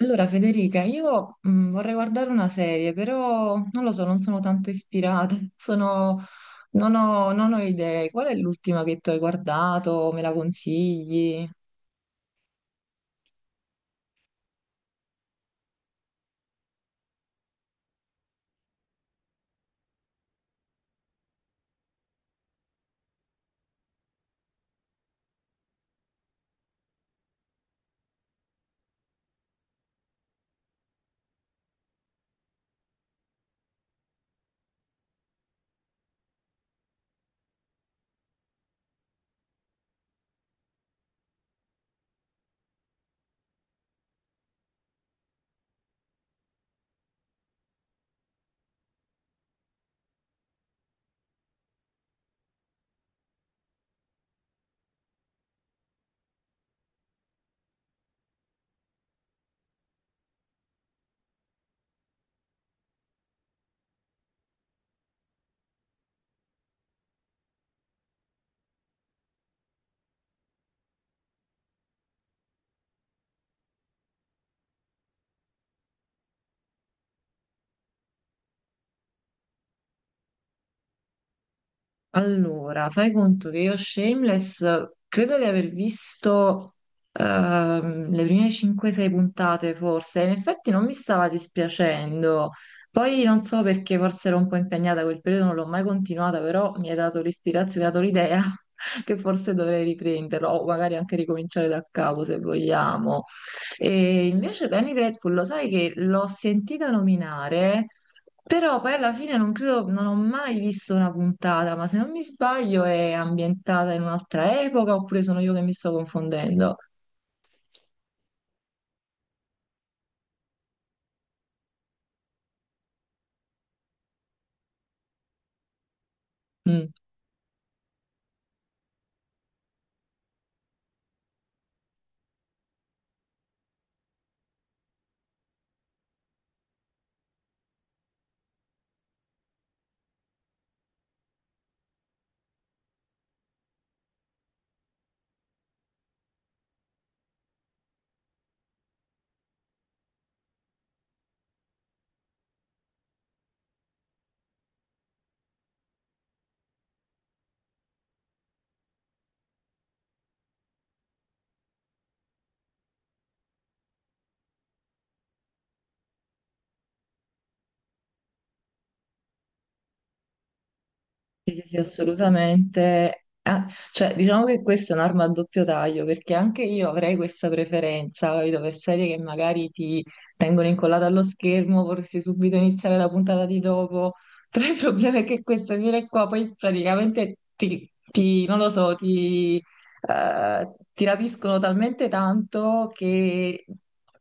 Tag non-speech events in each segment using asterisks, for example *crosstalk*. Allora, Federica, io vorrei guardare una serie, però non lo so, non sono tanto ispirata, *laughs* non ho idee. Qual è l'ultima che tu hai guardato? Me la consigli? Allora, fai conto che io Shameless credo di aver visto le prime 5-6 puntate forse, in effetti non mi stava dispiacendo, poi non so perché forse ero un po' impegnata quel periodo, non l'ho mai continuata, però mi hai dato l'ispirazione, mi hai dato l'idea *laughs* che forse dovrei riprenderlo o magari anche ricominciare da capo se vogliamo. E invece Penny Dreadful, lo sai che l'ho sentita nominare. Però poi alla fine non credo, non ho mai visto una puntata, ma se non mi sbaglio è ambientata in un'altra epoca oppure sono io che mi sto confondendo? Mm. Sì, sì, sì, assolutamente. Ah, cioè, diciamo che questa è un'arma a doppio taglio, perché anche io avrei questa preferenza, capito, per serie che magari ti tengono incollato allo schermo, vorresti subito iniziare la puntata di dopo, *laughs* però il problema è che questa serie qua poi praticamente non lo so, ti rapiscono talmente tanto che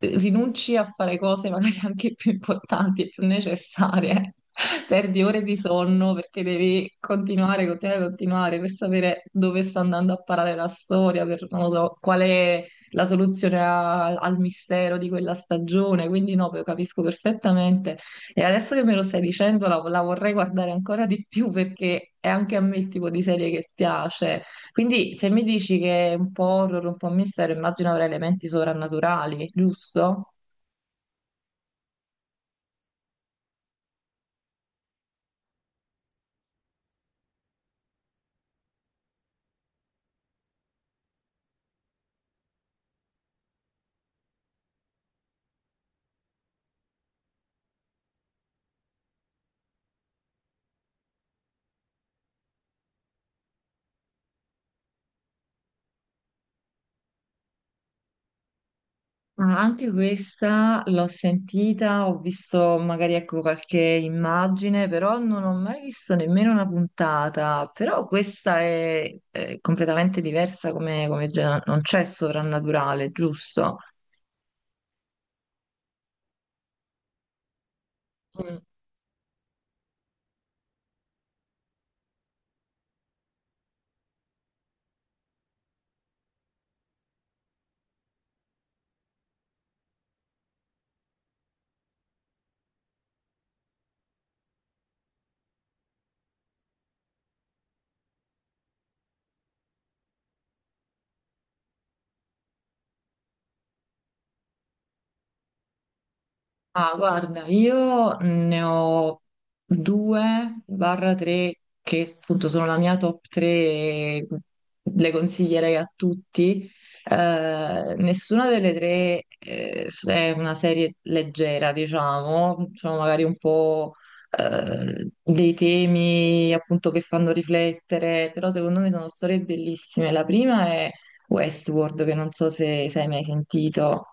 rinunci a fare cose magari anche più importanti e più necessarie. *laughs* Perdi ore di sonno perché devi continuare, continuare, continuare per sapere dove sta andando a parare la storia, per non lo so, qual è la soluzione al mistero di quella stagione. Quindi no, lo capisco perfettamente. E adesso che me lo stai dicendo, la vorrei guardare ancora di più perché è anche a me il tipo di serie che piace. Quindi se mi dici che è un po' horror, un po' mistero, immagino avrà elementi sovrannaturali, giusto? Ah, anche questa l'ho sentita, ho visto magari ecco qualche immagine, però non ho mai visto nemmeno una puntata. Però questa è completamente diversa come, come genere, non c'è sovrannaturale, giusto? Ah, guarda, io ne ho due barra tre che appunto sono la mia top tre e le consiglierei a tutti. Nessuna delle tre è una serie leggera, diciamo, sono magari un po' dei temi appunto che fanno riflettere, però secondo me sono storie bellissime. La prima è Westworld, che non so se hai mai sentito.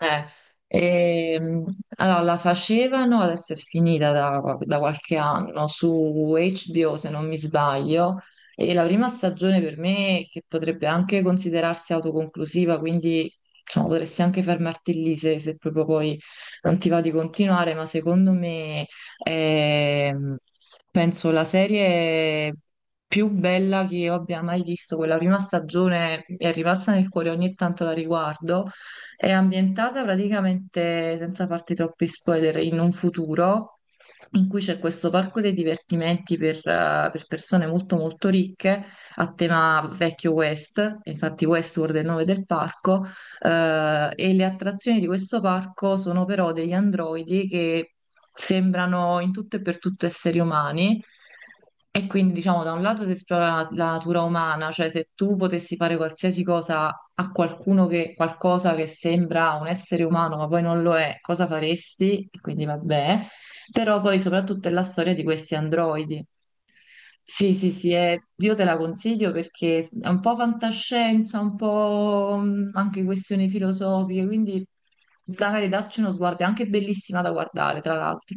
Eh, ehm, allora, la facevano, adesso è finita da qualche anno, su HBO se non mi sbaglio, e la prima stagione per me, che potrebbe anche considerarsi autoconclusiva, quindi diciamo, potresti anche fermarti lì se proprio poi non ti va di continuare, ma secondo me ehm, penso la serie più bella che io abbia mai visto, quella prima stagione mi è rimasta nel cuore, ogni tanto la riguardo. È ambientata praticamente, senza farti troppi spoiler, in un futuro in cui c'è questo parco dei divertimenti per persone molto molto ricche a tema vecchio West, infatti Westworld è il nome del parco, e le attrazioni di questo parco sono però degli androidi che sembrano in tutto e per tutto esseri umani. E quindi, diciamo, da un lato si esplora la natura umana, cioè se tu potessi fare qualsiasi cosa a qualcuno che qualcosa che sembra un essere umano, ma poi non lo è, cosa faresti? E quindi vabbè. Però poi soprattutto è la storia di questi androidi. Sì, sì, sì, io te la consiglio perché è un po' fantascienza, un po' anche questioni filosofiche, quindi magari dacci uno sguardo, è anche bellissima da guardare, tra l'altro.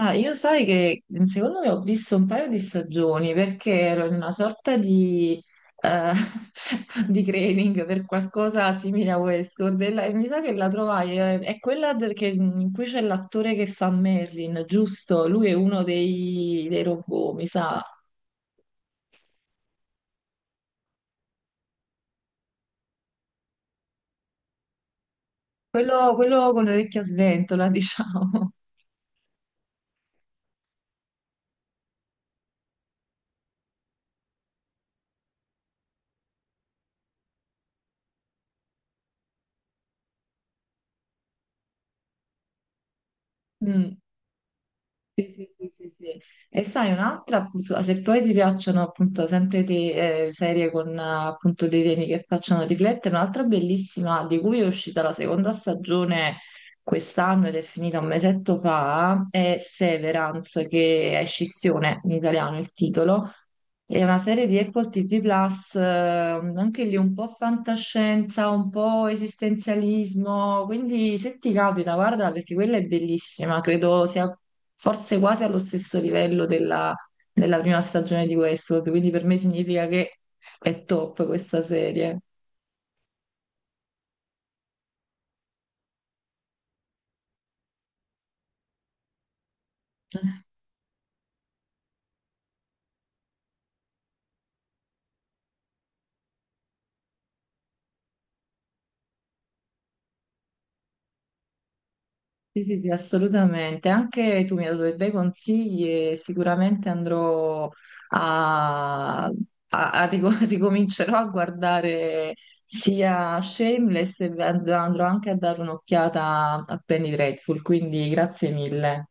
Ah, io sai che secondo me ho visto un paio di stagioni perché ero in una sorta di, eh, *laughs* di craving per qualcosa simile a Westworld e mi sa che la trovai, è quella in cui c'è l'attore che fa Merlin, giusto? Lui è uno dei robot, mi sa. Quello con l'orecchia sventola, *laughs* diciamo. Mm. Sì, sì, sì, sì, sì. E sai, un'altra, se poi ti piacciono appunto sempre serie con appunto dei temi che facciano riflettere, un'altra bellissima di cui è uscita la seconda stagione quest'anno ed è finita un mesetto fa, è Severance, che è Scissione in italiano il titolo, è una serie di Apple TV Plus, anche lì un po' fantascienza, un po' esistenzialismo, quindi se ti capita, guarda, perché quella è bellissima, credo sia forse quasi allo stesso livello della prima stagione di Westworld, quindi per me significa che è top questa serie. Sì, sì, sì, assolutamente. Anche tu mi hai dato dei bei consigli e sicuramente andrò a *laughs* ricomincerò a guardare sia Shameless e andrò anche a dare un'occhiata a Penny Dreadful, quindi grazie mille.